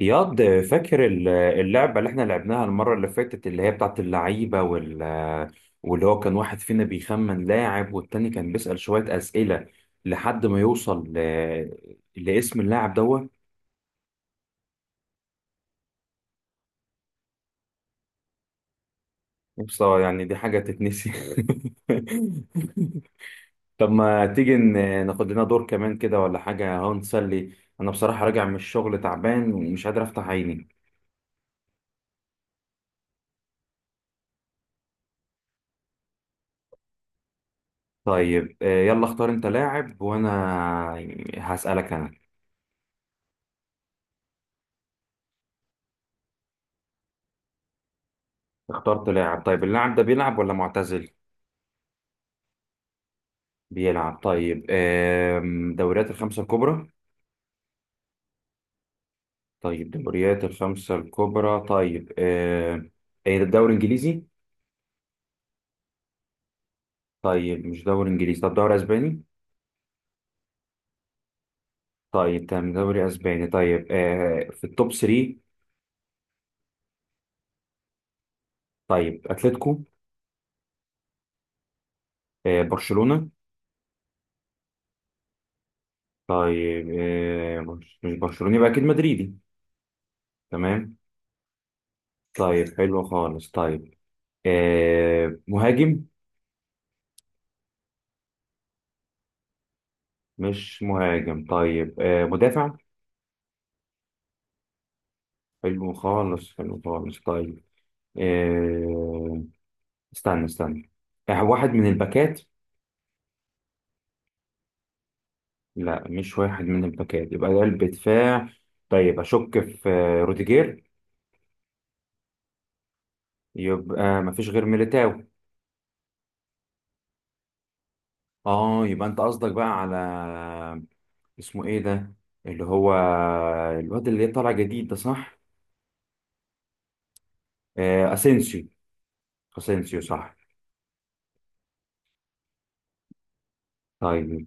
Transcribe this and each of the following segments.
اياد فاكر اللعبة اللي احنا لعبناها المرة اللي فاتت اللي هي بتاعت اللعيبة واللي هو كان واحد فينا بيخمن لاعب والتاني كان بيسأل شوية أسئلة لحد ما يوصل لاسم اللاعب دوت. بصراحة يعني دي حاجة تتنسي. طب ما تيجي ناخد لنا دور كمان كده ولا حاجة اهو نسلي. أنا بصراحة راجع من الشغل تعبان ومش قادر أفتح عيني. طيب يلا اختار أنت لاعب وأنا هسألك أنا. اخترت لاعب طيب اللاعب ده بيلعب ولا معتزل؟ بيلعب. طيب دوريات الخمسة الكبرى. طيب دوريات الخمسة الكبرى. طيب ايه ده الدوري الانجليزي؟ طيب مش دوري انجليزي. طب دوري اسباني؟ طيب تمام دوري اسباني. طيب في التوب 3. طيب اتلتيكو. برشلونة. طيب مش برشلونة يبقى اكيد مدريدي. تمام. طيب حلو خالص. طيب مهاجم. مش مهاجم. طيب مدافع. حلو خالص حلو خالص. طيب آه، استنى. واحد من الباكات. لا مش واحد من الباكات يبقى ده قلب دفاع. طيب اشك في روديجير. يبقى مفيش غير ميليتاو. اه يبقى انت قصدك بقى على اسمه ايه ده اللي هو الواد اللي طالع جديد ده صح. اسينسيو. اسينسيو صح. طيب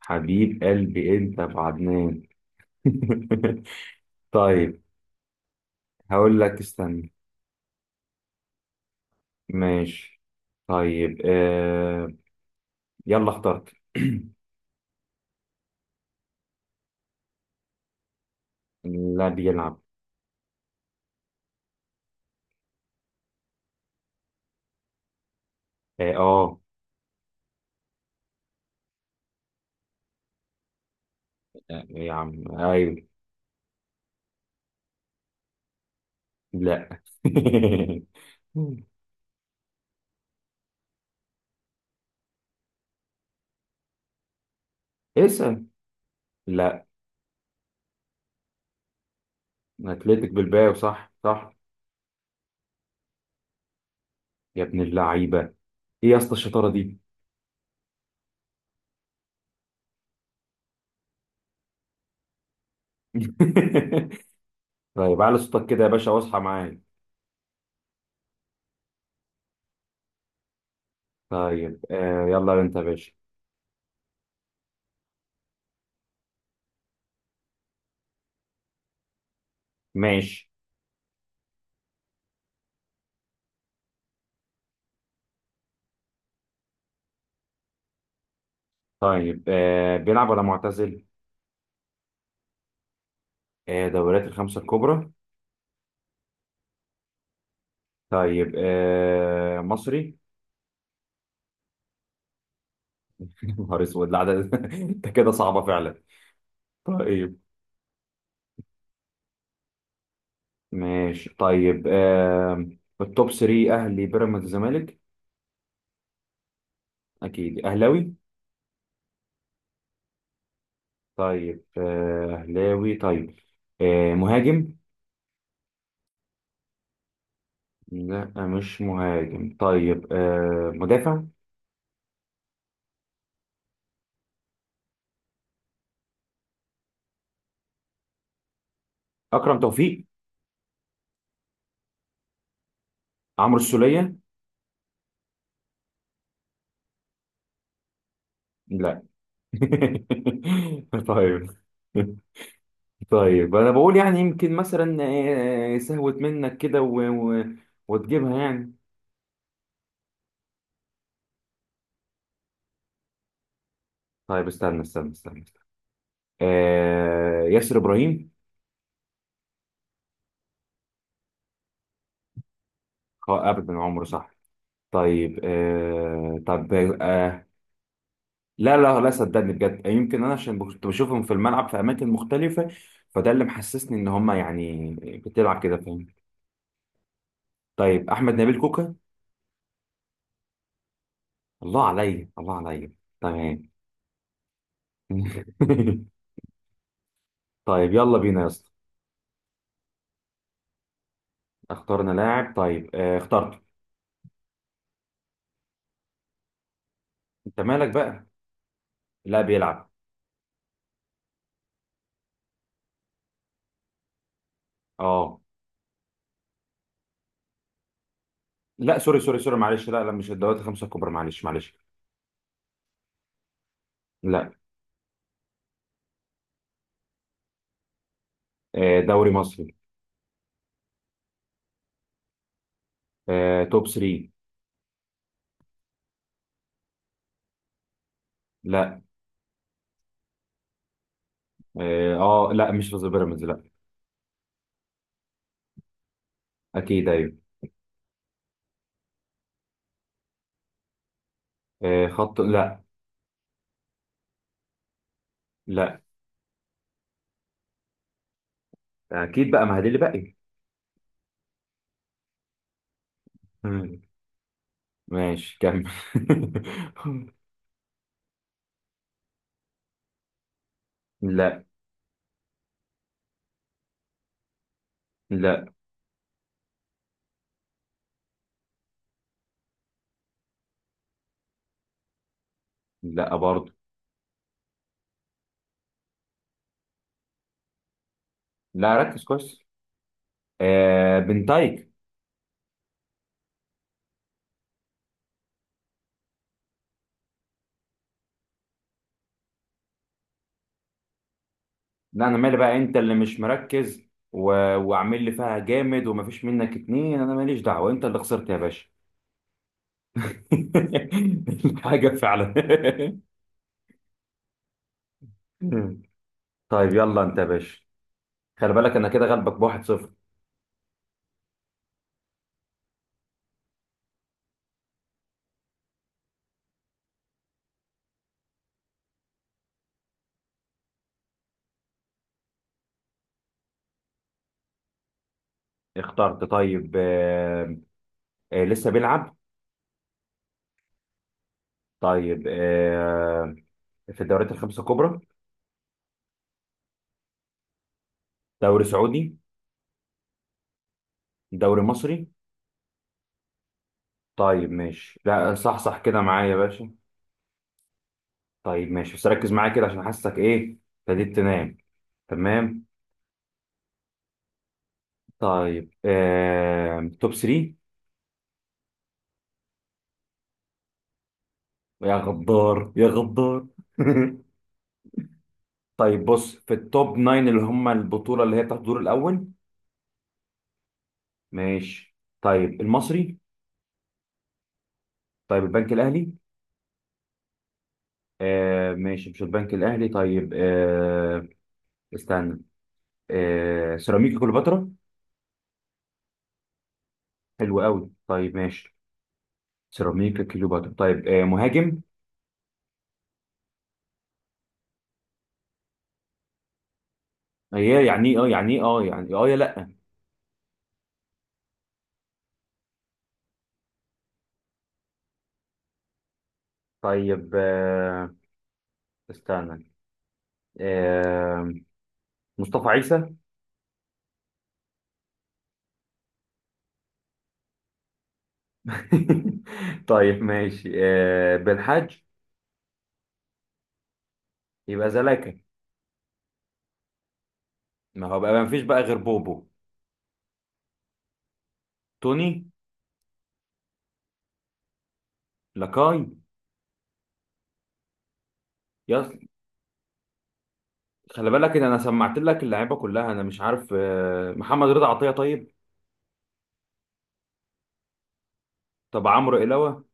حبيب قلبي انت يا ابو عدنان. طيب هقول لك استنى. ماشي. طيب يلا اخترت. لا بيلعب. اه آه. يا عم ايوه. لا. اسأل. لا. اتلتيك بالباو صح صح. يا ابن اللعيبة، ايه يا اسطى الشطارة دي؟ طيب على صوتك كده يا باشا واصحى معايا. طيب يلا انت يا باشا. ماشي. طيب بيلعب ولا معتزل؟ دوريات الخمسة الكبرى. طيب مصري. يا نهار اسود لا ده. انت كده صعبه فعلا. طيب ماشي. طيب التوب 3 اهلي بيراميدز الزمالك. اكيد اهلاوي. طيب اهلاوي. طيب مهاجم. لا مش مهاجم. طيب مدافع. اكرم توفيق. عمرو السوليه. لا. طيب. طيب انا بقول يعني يمكن مثلا سهوت منك كده وتجيبها يعني. طيب استنى. ياسر ابراهيم. اه ابدا عمره صح. طيب آه طب آه لا صدقني بجد يمكن انا عشان كنت بشوفهم في الملعب في اماكن مختلفه فده اللي محسسني ان هم يعني بتلعب كده فاهم. طيب احمد نبيل كوكا. الله عليا الله عليا. تمام. طيب يلا بينا يا اسطى. اخترنا لاعب. طيب اخترت. انت مالك بقى؟ لا بيلعب. اه. لا سوري معلش. لا مش الدوريات الخمسه الكبرى. معلش. لا. دوري مصري. توب 3. لا اه. لا مش في بيراميدز لا. اكيد ايوه. خط لا. لا. اكيد بقى ما هدي اللي باقي. مم. ماشي كمل. لا. لا. لا برضه. لا ركز كويس. بنتايك. لا انا مالي بقى انت اللي مش مركز. و... وعامل لي فيها جامد ومفيش منك اتنين. انا ماليش دعوه انت اللي خسرت يا باشا. حاجه فعلا. طيب يلا انت يا باشا. خلي بالك انا كده غلبك بواحد صفر. اخترت. طيب لسه بيلعب. طيب في الدوريات الخمسة الكبرى. دوري سعودي. دوري مصري. طيب ماشي لا صح صح كده معايا يا باشا. طيب ماشي بس ركز معايا كده عشان حاسسك ايه ابتديت تنام. تمام. طيب توب 3. يا غدار يا غدار. طيب بص في التوب 9 اللي هم البطولة اللي هي بتاعت الدور الأول. ماشي. طيب المصري. طيب البنك الأهلي. ماشي مش البنك الاهلي. طيب آه استنى آه سيراميكا كليوباترا. حلو قوي. طيب ماشي سيراميكا كليوباترا. طيب مهاجم. هي يعني ايه اه يعني ايه اه يعني إيه؟ اه يا لا. طيب آه استنى آه مصطفى عيسى. طيب ماشي. بن حاج. يبقى زلاكا. ما هو بقى ما فيش بقى غير بوبو. توني. لاكاي. يس. خلي بالك ان انا سمعت لك اللعيبه كلها انا مش عارف. محمد رضا عطيه. طيب طب عمرو إلاوة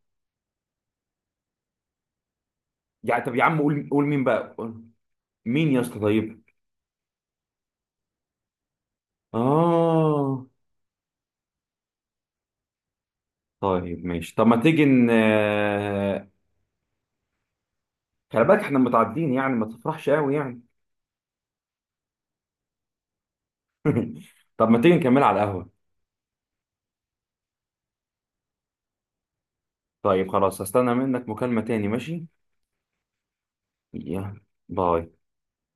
يعني. طب يا عم قول مين بقى قول. مين يا اسطى؟ طيب اه. طيب ماشي طب ما تيجي ن آه، خلي بالك احنا متعدين يعني ما تفرحش قوي يعني. طب ما تيجي نكمل على القهوة. طيب خلاص هستنى منك مكالمة تاني. ماشي يلا باي.